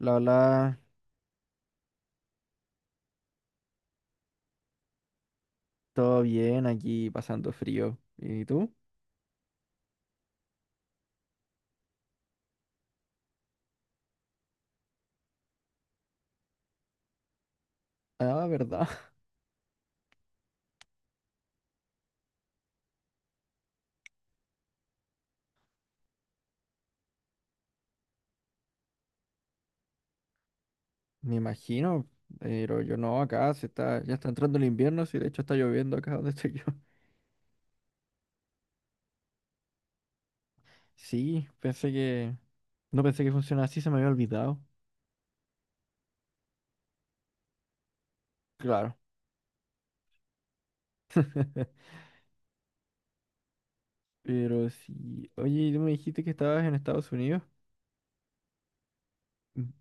La Hola, todo bien aquí pasando frío. ¿Y tú? Ah, verdad. Me imagino, pero yo no, acá se está, ya está entrando el invierno, sí, de hecho está lloviendo acá donde estoy yo. Sí, no pensé que funcionaba así, se me había olvidado. Claro. Pero sí, oye, ¿y tú me dijiste que estabas en Estados Unidos? Mm.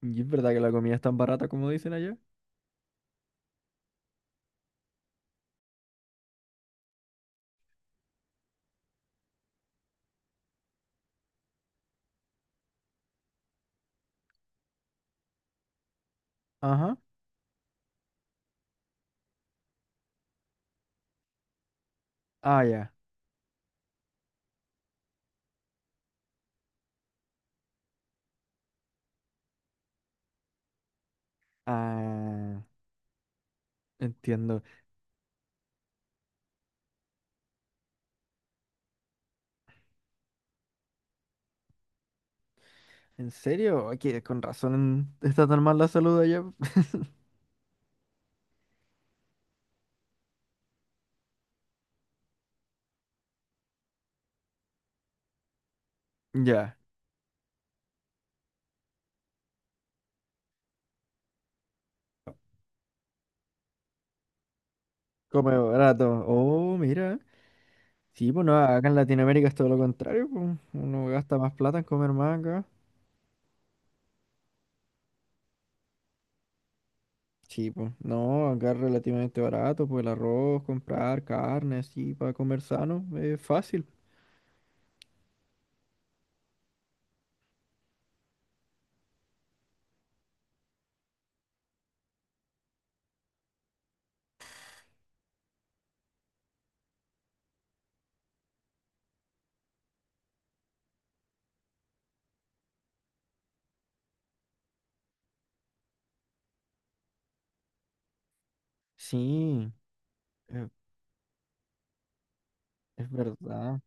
¿Y es verdad que la comida es tan barata como dicen allá? Ajá. Ah, ya. Ah, entiendo. ¿En serio? Ay, que con razón está tan mal la salud allá. Ya. Come barato. Oh, mira. Sí, pues no, acá en Latinoamérica es todo lo contrario, pues. Uno gasta más plata en comer más acá. Sí, pues. No, acá es relativamente barato, pues el arroz, comprar carne, así, para comer sano, es fácil. Sí, eh, es verdad.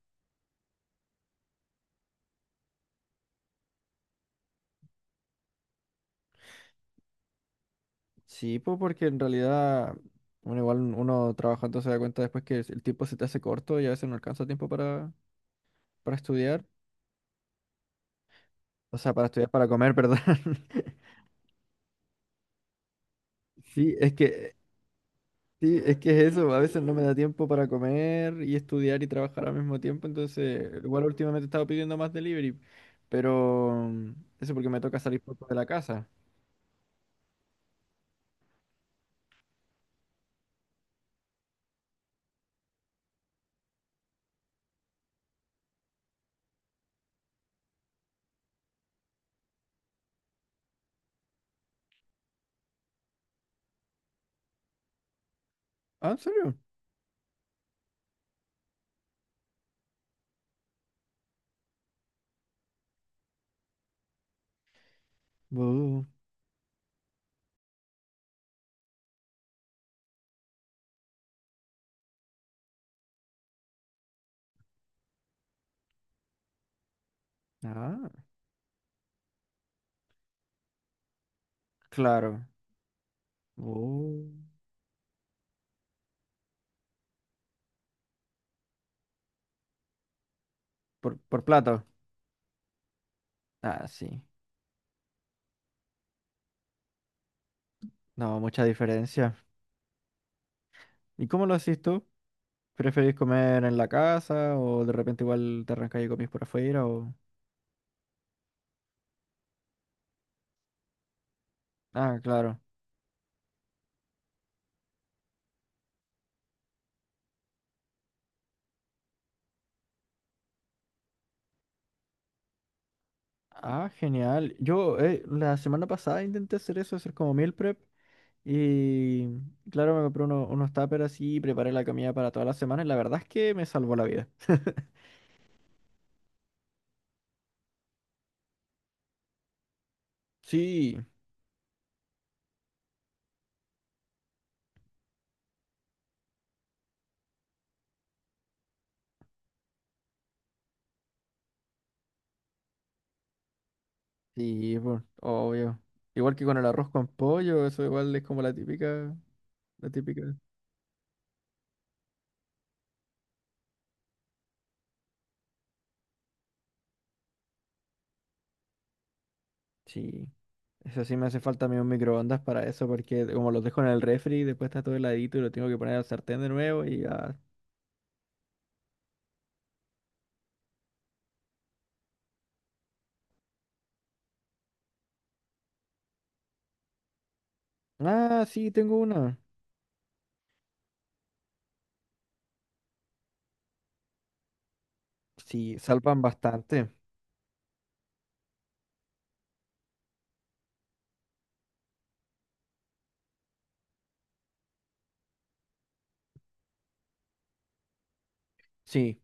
Sí, pues porque en realidad, bueno, igual uno trabajando se da cuenta después que el tiempo se te hace corto y a veces no alcanza tiempo para estudiar. O sea, para estudiar, para comer, perdón. Sí, es que Sí, es que es eso, a veces no me da tiempo para comer y estudiar y trabajar al mismo tiempo, entonces igual últimamente he estado pidiendo más delivery, pero eso porque me toca salir poco de la casa. ¿Ah, en serio? Bu. Ah, claro. Bu. Por plato. Ah, sí. No, mucha diferencia. ¿Y cómo lo haces tú? ¿Preferís comer en la casa o de repente igual te arrancas y comís por afuera o...? Ah, claro. Ah, genial. Yo la semana pasada intenté hacer eso, hacer como meal prep. Y claro, me compré unos tuppers así y preparé la comida para toda la semana. Y la verdad es que me salvó la vida. Sí, sí, pues, obvio. Igual que con el arroz con pollo, eso igual es como la típica, la típica. Sí, eso sí me hace falta a mí un microondas para eso, porque como los dejo en el refri, después está todo heladito y lo tengo que poner al sartén de nuevo y ya. Ah, sí, tengo una. Sí, salvan bastante. Sí,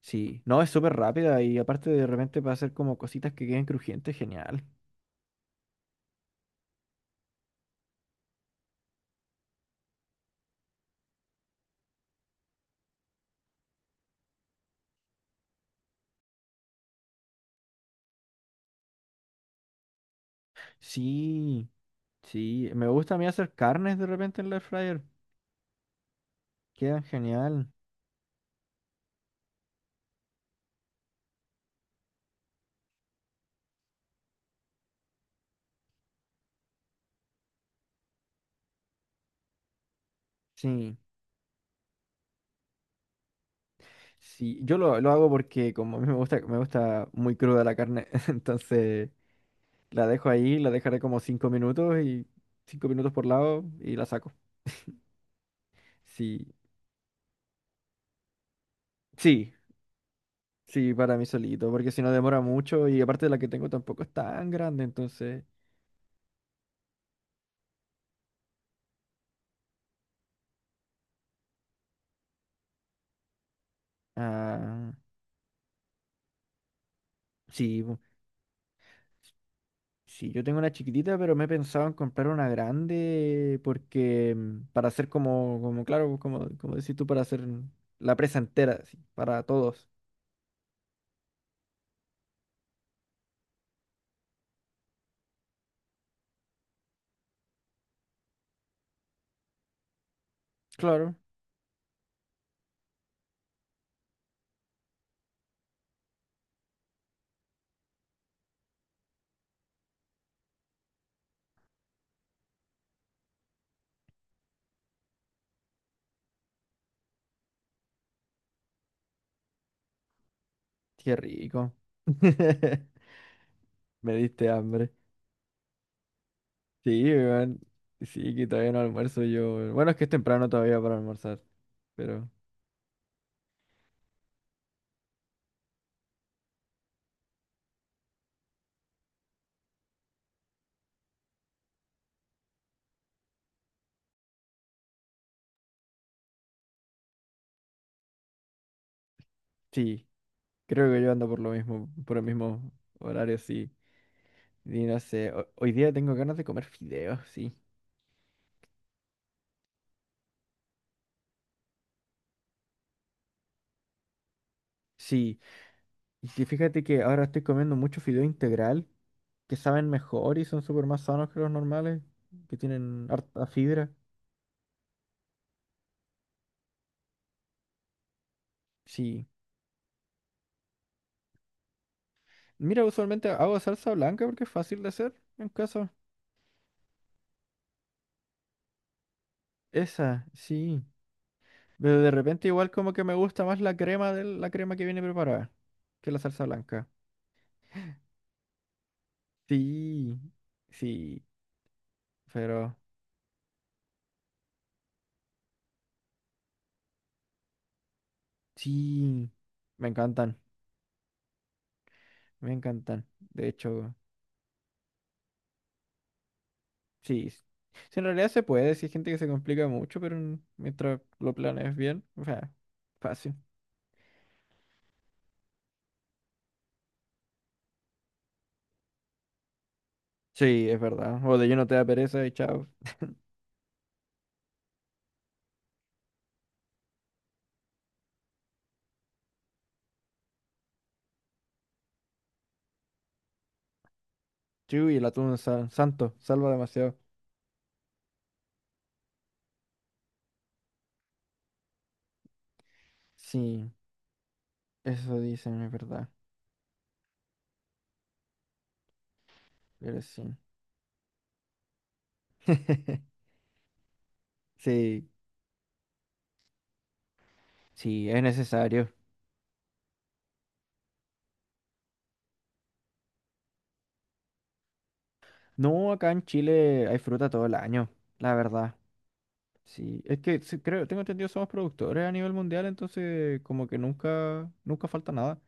sí. No, es súper rápida y aparte de repente para hacer como cositas que queden crujientes, genial. Sí, sí, me gusta a mí hacer carnes de repente en la air fryer, quedan genial. Sí, sí, yo lo hago porque como a mí me gusta muy cruda la carne, entonces la dejo ahí, la dejaré como 5 minutos y 5 minutos por lado y la saco. Sí, sí, sí, para mí solito, porque si no demora mucho y aparte la que tengo tampoco es tan grande, entonces, ah, sí. Sí, yo tengo una chiquitita, pero me he pensado en comprar una grande porque para hacer como claro, como decís tú, para hacer la presa entera, así, para todos. Claro, qué rico. Me diste hambre. Sí, weón. Sí, que todavía no almuerzo yo. Weón. Bueno, es que es temprano todavía para almorzar, pero sí, creo que yo ando por lo mismo, por el mismo horario, sí. Y no sé, hoy día tengo ganas de comer fideos, sí. Sí. Y sí, fíjate que ahora estoy comiendo mucho fideo integral, que saben mejor y son súper más sanos que los normales, que tienen harta fibra. Sí. Mira, usualmente hago salsa blanca porque es fácil de hacer en casa. Esa, sí. Pero de repente igual como que me gusta más la crema de la crema que viene preparada que la salsa blanca. Sí, sí, pero sí, me encantan, me encantan. De hecho, sí. Sí, en realidad se puede, sí hay gente que se complica mucho, pero mientras lo planees bien, o sea, fácil. Sí, es verdad. O de lleno te da pereza y chao. Chu, y el atún santo, salva demasiado. Sí, eso dicen, es verdad. Pero sí. Sí, sí, es necesario. No, acá en Chile hay fruta todo el año, la verdad. Sí, es que sí, creo, tengo entendido, somos productores a nivel mundial, entonces como que nunca, nunca falta nada.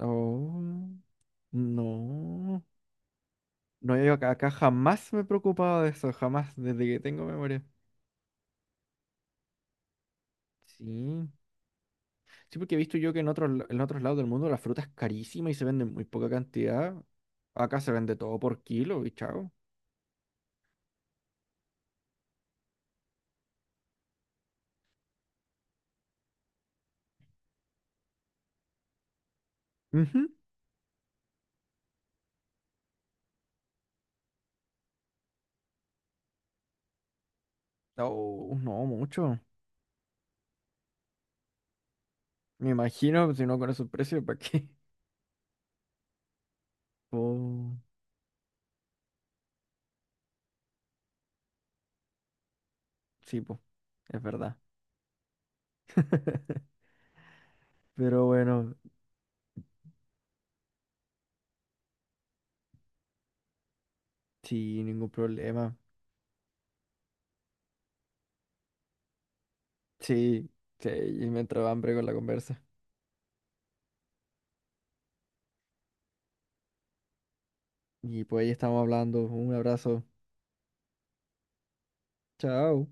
Oh, no. No, yo acá jamás me he preocupado de eso, jamás, desde que tengo memoria. Sí. Sí, porque he visto yo que en otros, en otros lados del mundo la fruta es carísima y se vende en muy poca cantidad. Acá se vende todo por kilo y chao. Ujú. Oh, no, mucho. Me imagino, si no con esos precios, ¿para qué? Oh, sí, pues, es verdad. Pero bueno, sí, ningún problema. Sí, sí, y me entró hambre con la conversa. Y pues ahí estamos hablando. Un abrazo. Chao.